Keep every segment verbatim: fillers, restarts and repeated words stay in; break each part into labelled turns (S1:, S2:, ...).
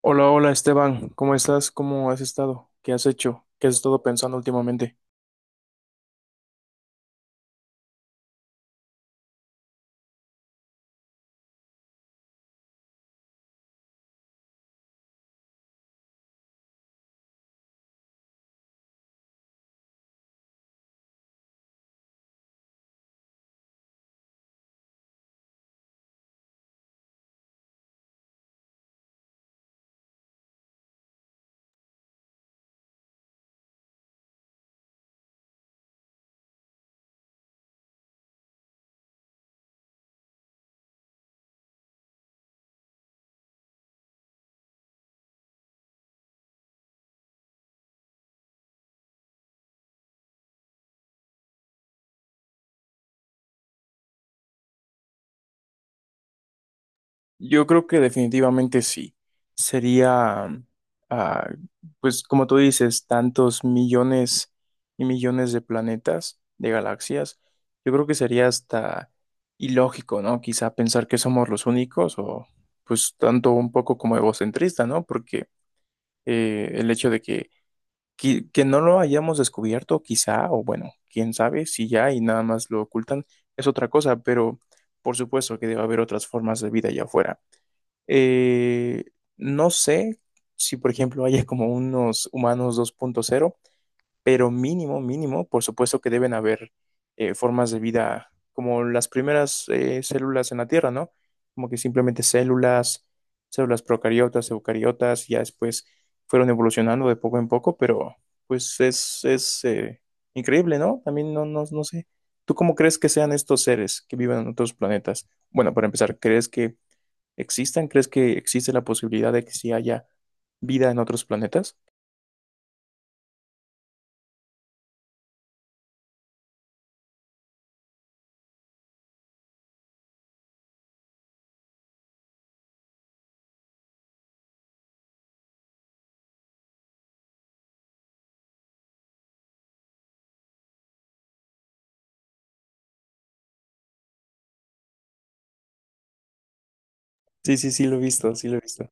S1: Hola, hola Esteban, ¿cómo estás? ¿Cómo has estado? ¿Qué has hecho? ¿Qué has estado pensando últimamente? Yo creo que definitivamente sí. Sería, ah, pues como tú dices, tantos millones y millones de planetas, de galaxias. Yo creo que sería hasta ilógico, ¿no? Quizá pensar que somos los únicos o pues tanto un poco como egocentrista, ¿no? Porque eh, el hecho de que que, que no lo hayamos descubierto, quizá, o bueno, quién sabe, si ya y nada más lo ocultan, es otra cosa, pero por supuesto que debe haber otras formas de vida allá afuera. Eh, no sé si, por ejemplo, haya como unos humanos dos punto cero pero mínimo, mínimo, por supuesto que deben haber eh, formas de vida como las primeras eh, células en la Tierra, ¿no? Como que simplemente células, células procariotas, eucariotas, ya después fueron evolucionando de poco en poco, pero pues es, es eh, increíble, ¿no? También no, no, no sé. ¿Tú cómo crees que sean estos seres que viven en otros planetas? Bueno, para empezar, ¿crees que existan? ¿Crees que existe la posibilidad de que sí haya vida en otros planetas? Sí, sí, sí, lo he visto, sí lo he visto.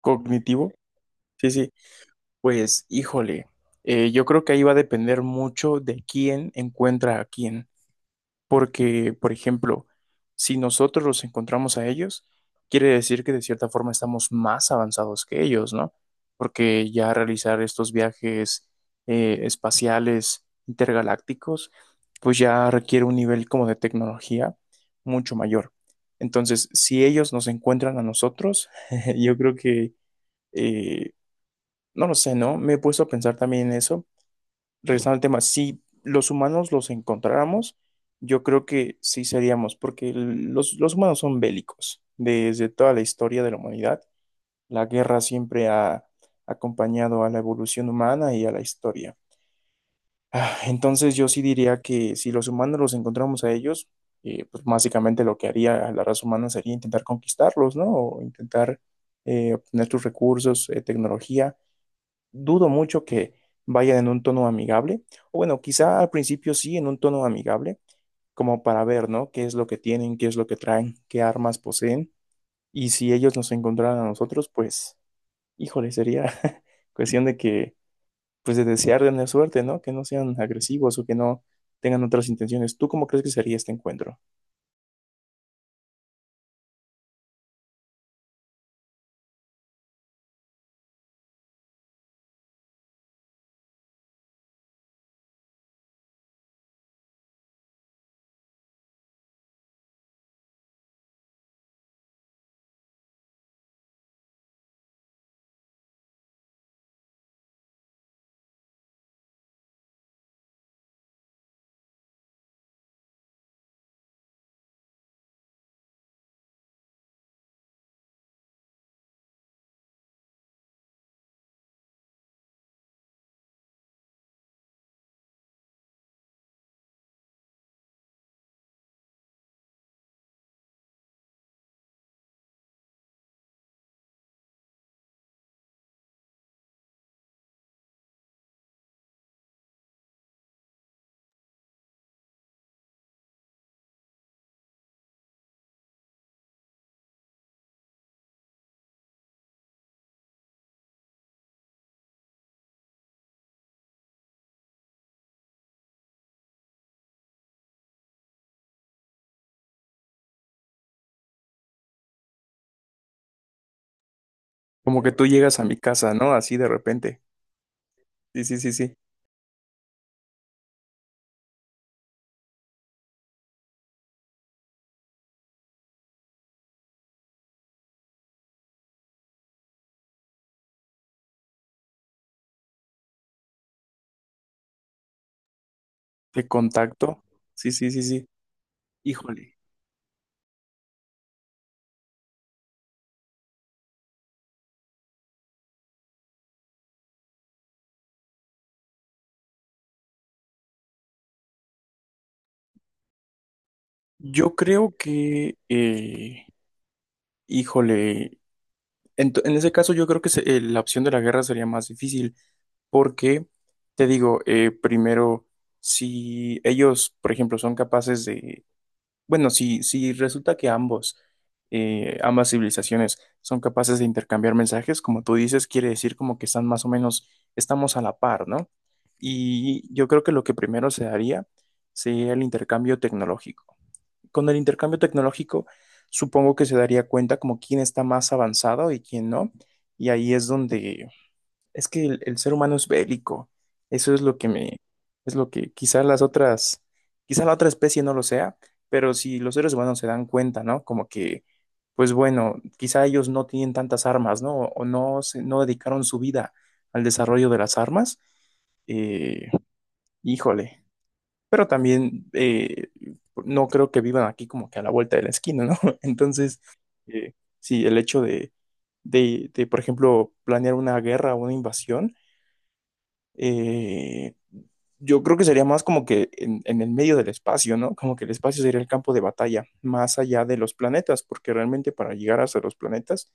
S1: ¿Cognitivo? Sí, sí, pues híjole, eh, yo creo que ahí va a depender mucho de quién encuentra a quién, porque, por ejemplo, si nosotros los encontramos a ellos, quiere decir que de cierta forma estamos más avanzados que ellos, ¿no? Porque ya realizar estos viajes eh, espaciales intergalácticos, pues ya requiere un nivel como de tecnología mucho mayor. Entonces, si ellos nos encuentran a nosotros, yo creo que... eh, no lo sé, ¿no? Me he puesto a pensar también en eso. Regresando al tema, si los humanos los encontráramos, yo creo que sí seríamos, porque el- los, los humanos son bélicos. Desde toda la historia de la humanidad, la guerra siempre ha acompañado a la evolución humana y a la historia. Ah, Entonces yo sí diría que si los humanos los encontramos a ellos, eh, pues básicamente lo que haría la raza humana sería intentar conquistarlos, ¿no? O intentar eh, obtener sus recursos, eh, tecnología, dudo mucho que vayan en un tono amigable, o bueno, quizá al principio sí, en un tono amigable, como para ver, ¿no? ¿Qué es lo que tienen, qué es lo que traen, qué armas poseen? Y si ellos nos encontraran a nosotros, pues, híjole, sería cuestión de que, pues, de desear tener suerte, ¿no? Que no sean agresivos o que no tengan otras intenciones. ¿Tú cómo crees que sería este encuentro? Como que tú llegas a mi casa, ¿no? Así de repente. Sí, sí, sí, sí. Te contacto. Sí, sí, sí, sí. Híjole. Yo creo que eh, híjole, en, to- en ese caso yo creo que se- eh, la opción de la guerra sería más difícil porque, te digo, eh, primero, si ellos, por ejemplo, son capaces de, bueno, si, si resulta que ambos, eh, ambas civilizaciones son capaces de intercambiar mensajes, como tú dices, quiere decir como que están más o menos, estamos a la par, ¿no? Y yo creo que lo que primero se haría sería el intercambio tecnológico. Con el intercambio tecnológico, supongo que se daría cuenta como quién está más avanzado y quién no. Y ahí es donde es que el, el ser humano es bélico. Eso es lo que me, es lo que quizás las otras, quizá la otra especie no lo sea, pero si los seres humanos se dan cuenta, ¿no? Como que, pues bueno, quizá ellos no tienen tantas armas, ¿no? O no, se, no dedicaron su vida al desarrollo de las armas. eh, Híjole, pero también eh, no creo que vivan aquí como que a la vuelta de la esquina, ¿no? Entonces, eh, sí, el hecho de, de, de, por ejemplo, planear una guerra o una invasión, eh, yo creo que sería más como que en, en el medio del espacio, ¿no? Como que el espacio sería el campo de batalla, más allá de los planetas, porque realmente para llegar hasta los planetas,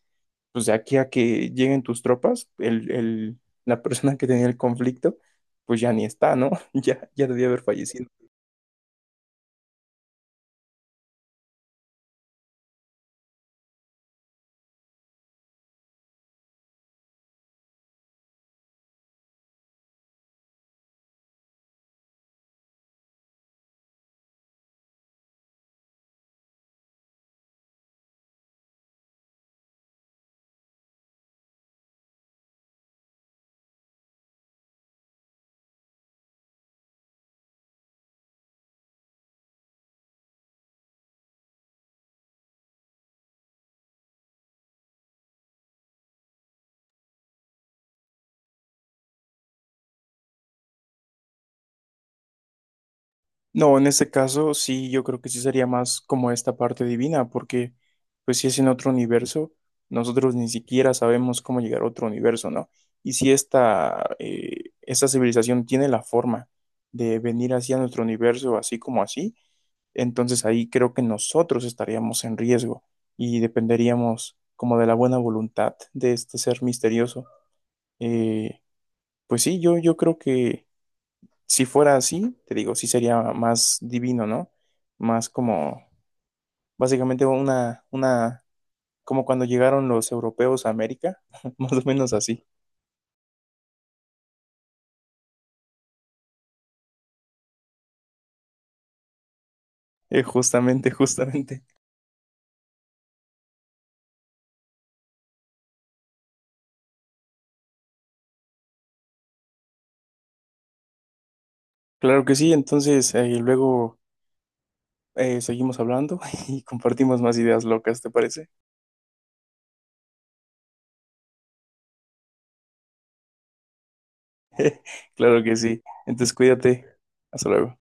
S1: pues de aquí a que lleguen tus tropas, el, el- la persona que tenía el conflicto, pues ya ni está, ¿no? Ya, ya debió haber fallecido. No, en este caso sí, yo creo que sí sería más como esta parte divina, porque pues si es en otro universo, nosotros ni siquiera sabemos cómo llegar a otro universo, ¿no? Y si esta, eh, esta civilización tiene la forma de venir hacia nuestro universo así como así, entonces ahí creo que nosotros estaríamos en riesgo y dependeríamos como de la buena voluntad de este ser misterioso. Eh, pues sí, yo, yo creo que si fuera así, te digo, sí sería más divino, ¿no? Más como, básicamente una, una, como cuando llegaron los europeos a América, más o menos así. Eh, justamente, justamente. Claro que sí, entonces eh, luego eh, seguimos hablando y compartimos más ideas locas, ¿te parece? Claro que sí. Entonces cuídate. Hasta luego.